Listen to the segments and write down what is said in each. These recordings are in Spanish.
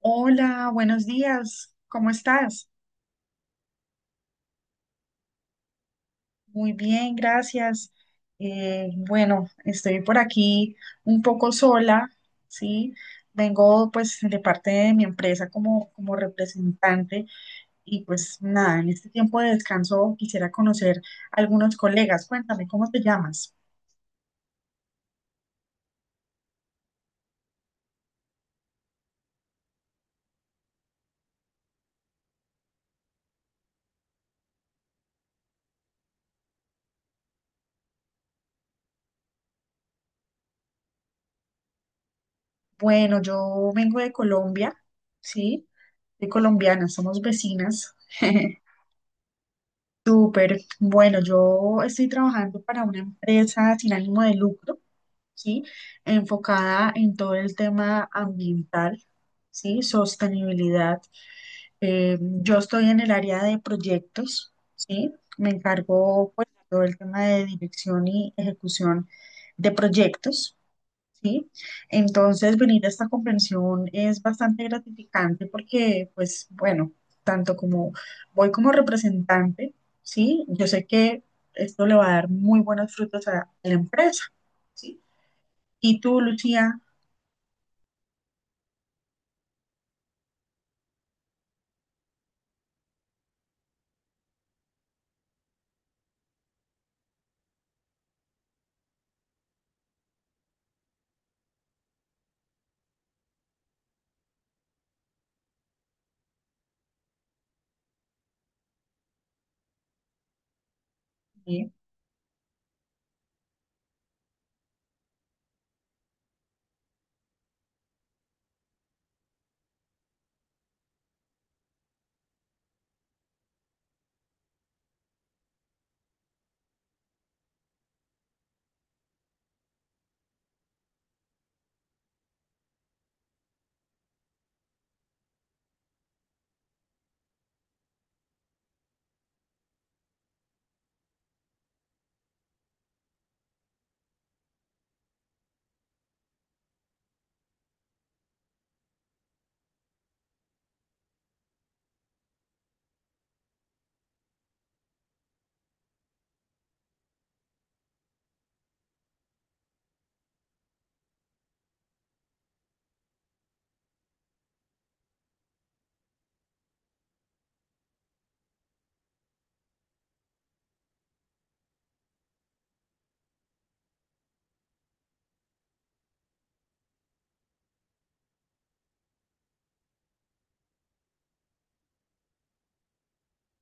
Hola, buenos días. ¿Cómo estás? Muy bien, gracias. Bueno, estoy por aquí un poco sola, ¿sí? Vengo pues de parte de mi empresa como representante y pues nada, en este tiempo de descanso quisiera conocer a algunos colegas. Cuéntame, ¿cómo te llamas? Bueno, yo vengo de Colombia, ¿sí? Soy colombiana, somos vecinas. Súper. Bueno, yo estoy trabajando para una empresa sin ánimo de lucro, ¿sí? Enfocada en todo el tema ambiental, ¿sí? Sostenibilidad. Yo estoy en el área de proyectos, ¿sí? Me encargo, pues, de todo el tema de dirección y ejecución de proyectos. ¿Sí? Entonces, venir a esta comprensión es bastante gratificante porque, pues, bueno, tanto como voy como representante, ¿sí? Yo sé que esto le va a dar muy buenos frutos a la empresa, ¿sí? Y tú, Lucía, ¿sí?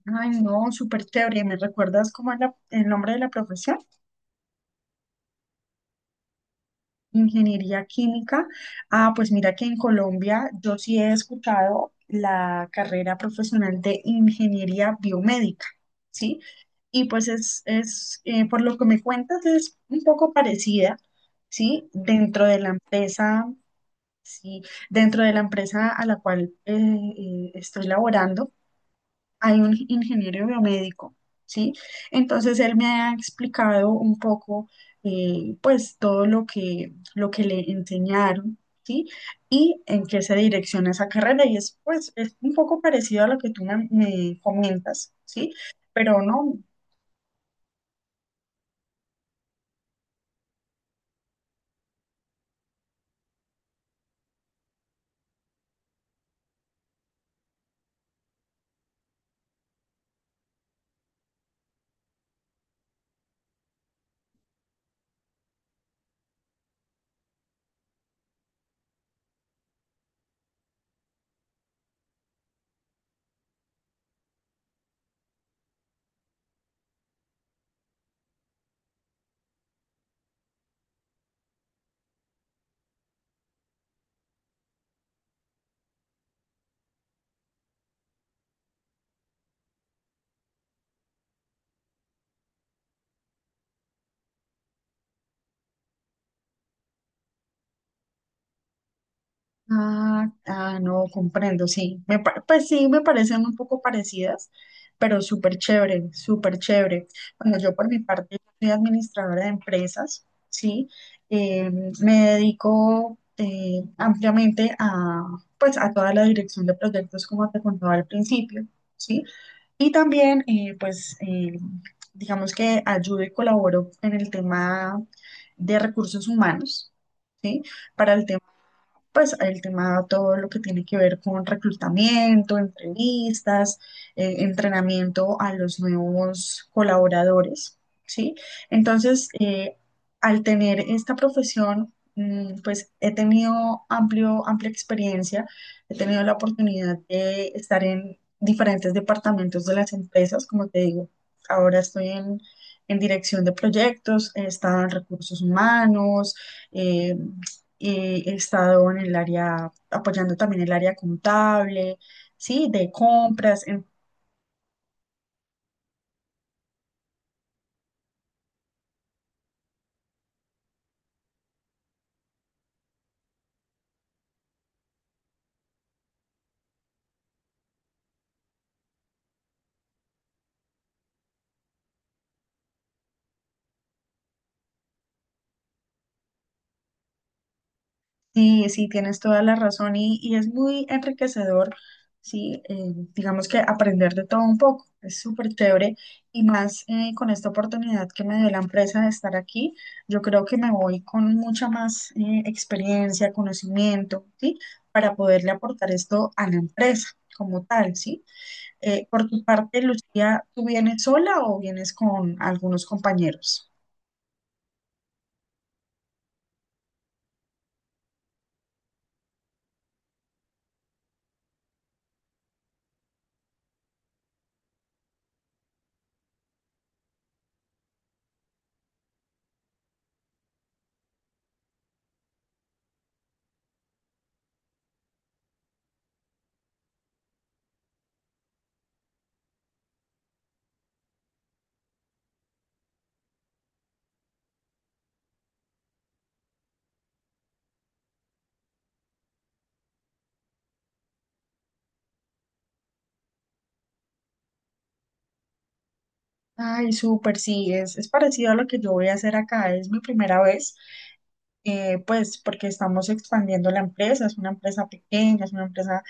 Ay, no, súper chévere. ¿Me recuerdas cómo es el nombre de la profesión? Ingeniería química. Ah, pues mira que en Colombia yo sí he escuchado la carrera profesional de ingeniería biomédica, ¿sí? Y pues es por lo que me cuentas, es un poco parecida, ¿sí? Dentro de la empresa, ¿sí? Dentro de la empresa a la cual estoy laborando, hay un ingeniero biomédico, ¿sí? Entonces él me ha explicado un poco, pues, todo lo que le enseñaron, ¿sí? Y en qué se direcciona esa carrera. Y es, pues, es un poco parecido a lo que tú me, me comentas, ¿sí? Pero no. Ah, ah, no, comprendo, sí. Pues sí, me parecen un poco parecidas, pero súper chévere, súper chévere. Bueno, yo por mi parte soy administradora de empresas, ¿sí? Eh, Me dedico ampliamente a, pues, a toda la dirección de proyectos, como te contaba al principio, ¿sí? Y también, pues, digamos que ayudo y colaboro en el tema de recursos humanos, ¿sí? Para el tema Pues el tema, todo lo que tiene que ver con reclutamiento, entrevistas, entrenamiento a los nuevos colaboradores, ¿sí? Entonces, al tener esta profesión, pues he tenido amplia experiencia, he tenido la oportunidad de estar en diferentes departamentos de las empresas, como te digo, ahora estoy en dirección de proyectos, he estado en recursos humanos, eh, he estado en el área, apoyando también el área contable, sí, de compras, en- sí, sí, tienes toda la razón y es muy enriquecedor, sí, digamos que aprender de todo un poco, es súper chévere y más con esta oportunidad que me dio la empresa de estar aquí, yo creo que me voy con mucha más experiencia, conocimiento, sí, para poderle aportar esto a la empresa como tal, sí. Por tu parte, Lucía, ¿tú vienes sola o vienes con algunos compañeros? Ay, súper, sí, es parecido a lo que yo voy a hacer acá, es mi primera vez, pues porque estamos expandiendo la empresa, es una empresa pequeña, es una empresa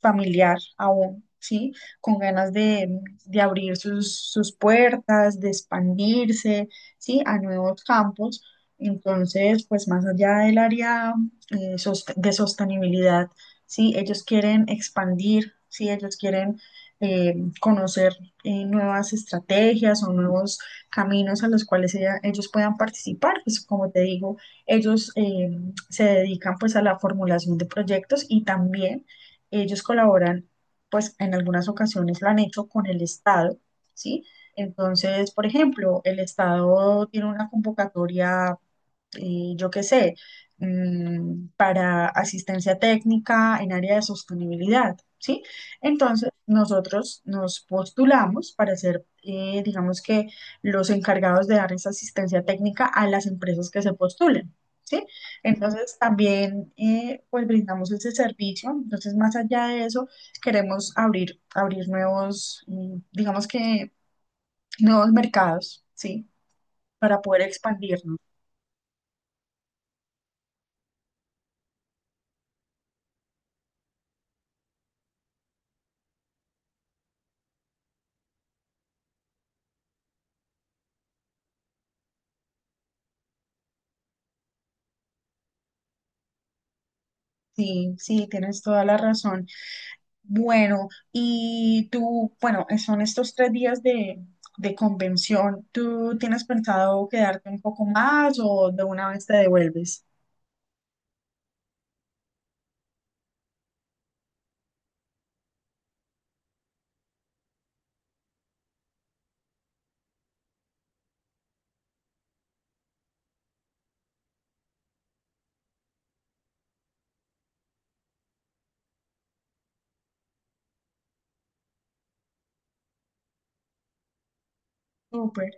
familiar aún, ¿sí? Con ganas de abrir sus, sus puertas, de expandirse, ¿sí? A nuevos campos. Entonces, pues más allá del área de sostenibilidad, ¿sí? Ellos quieren expandir, ¿sí? Ellos quieren eh, conocer nuevas estrategias o nuevos caminos a los cuales ellos puedan participar. Pues como te digo, ellos se dedican pues a la formulación de proyectos y también ellos colaboran, pues en algunas ocasiones lo han hecho con el Estado, ¿sí? Entonces, por ejemplo, el Estado tiene una convocatoria yo qué sé, para asistencia técnica en área de sostenibilidad, ¿sí? Entonces, nosotros nos postulamos para ser, digamos que, los encargados de dar esa asistencia técnica a las empresas que se postulen. ¿Sí? Entonces también pues brindamos ese servicio. Entonces, más allá de eso, queremos abrir nuevos, digamos que nuevos mercados, ¿sí? Para poder expandirnos. Sí, sí, tienes toda la razón. Bueno, y tú, bueno, son estos 3 días de convención. ¿Tú tienes pensado quedarte un poco más o de una vez te devuelves? Súper.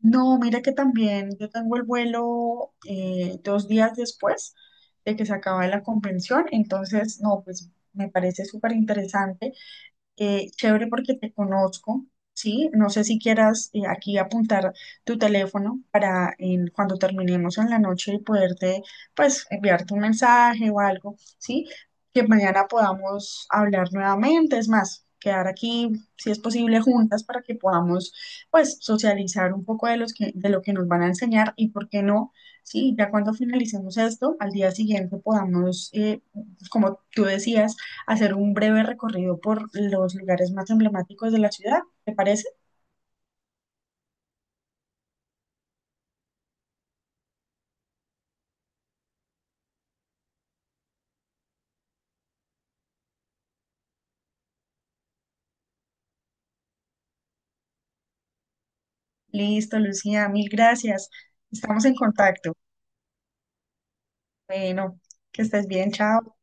No, mira que también yo tengo el vuelo 2 días después de que se acaba la convención, entonces, no, pues me parece súper interesante. Chévere porque te conozco, ¿sí? No sé si quieras aquí apuntar tu teléfono para en- cuando terminemos en la noche y poderte, pues, enviarte un mensaje o algo, ¿sí? Que mañana podamos hablar nuevamente, es más, quedar aquí, si es posible, juntas para que podamos, pues, socializar un poco de los que, de lo que nos van a enseñar y por qué no, ¿sí? Ya cuando finalicemos esto, al día siguiente podamos, como tú decías, hacer un breve recorrido por los lugares más emblemáticos de la ciudad. ¿Te parece? Listo, Lucía, mil gracias. Estamos en contacto. Bueno, que estés bien, chao.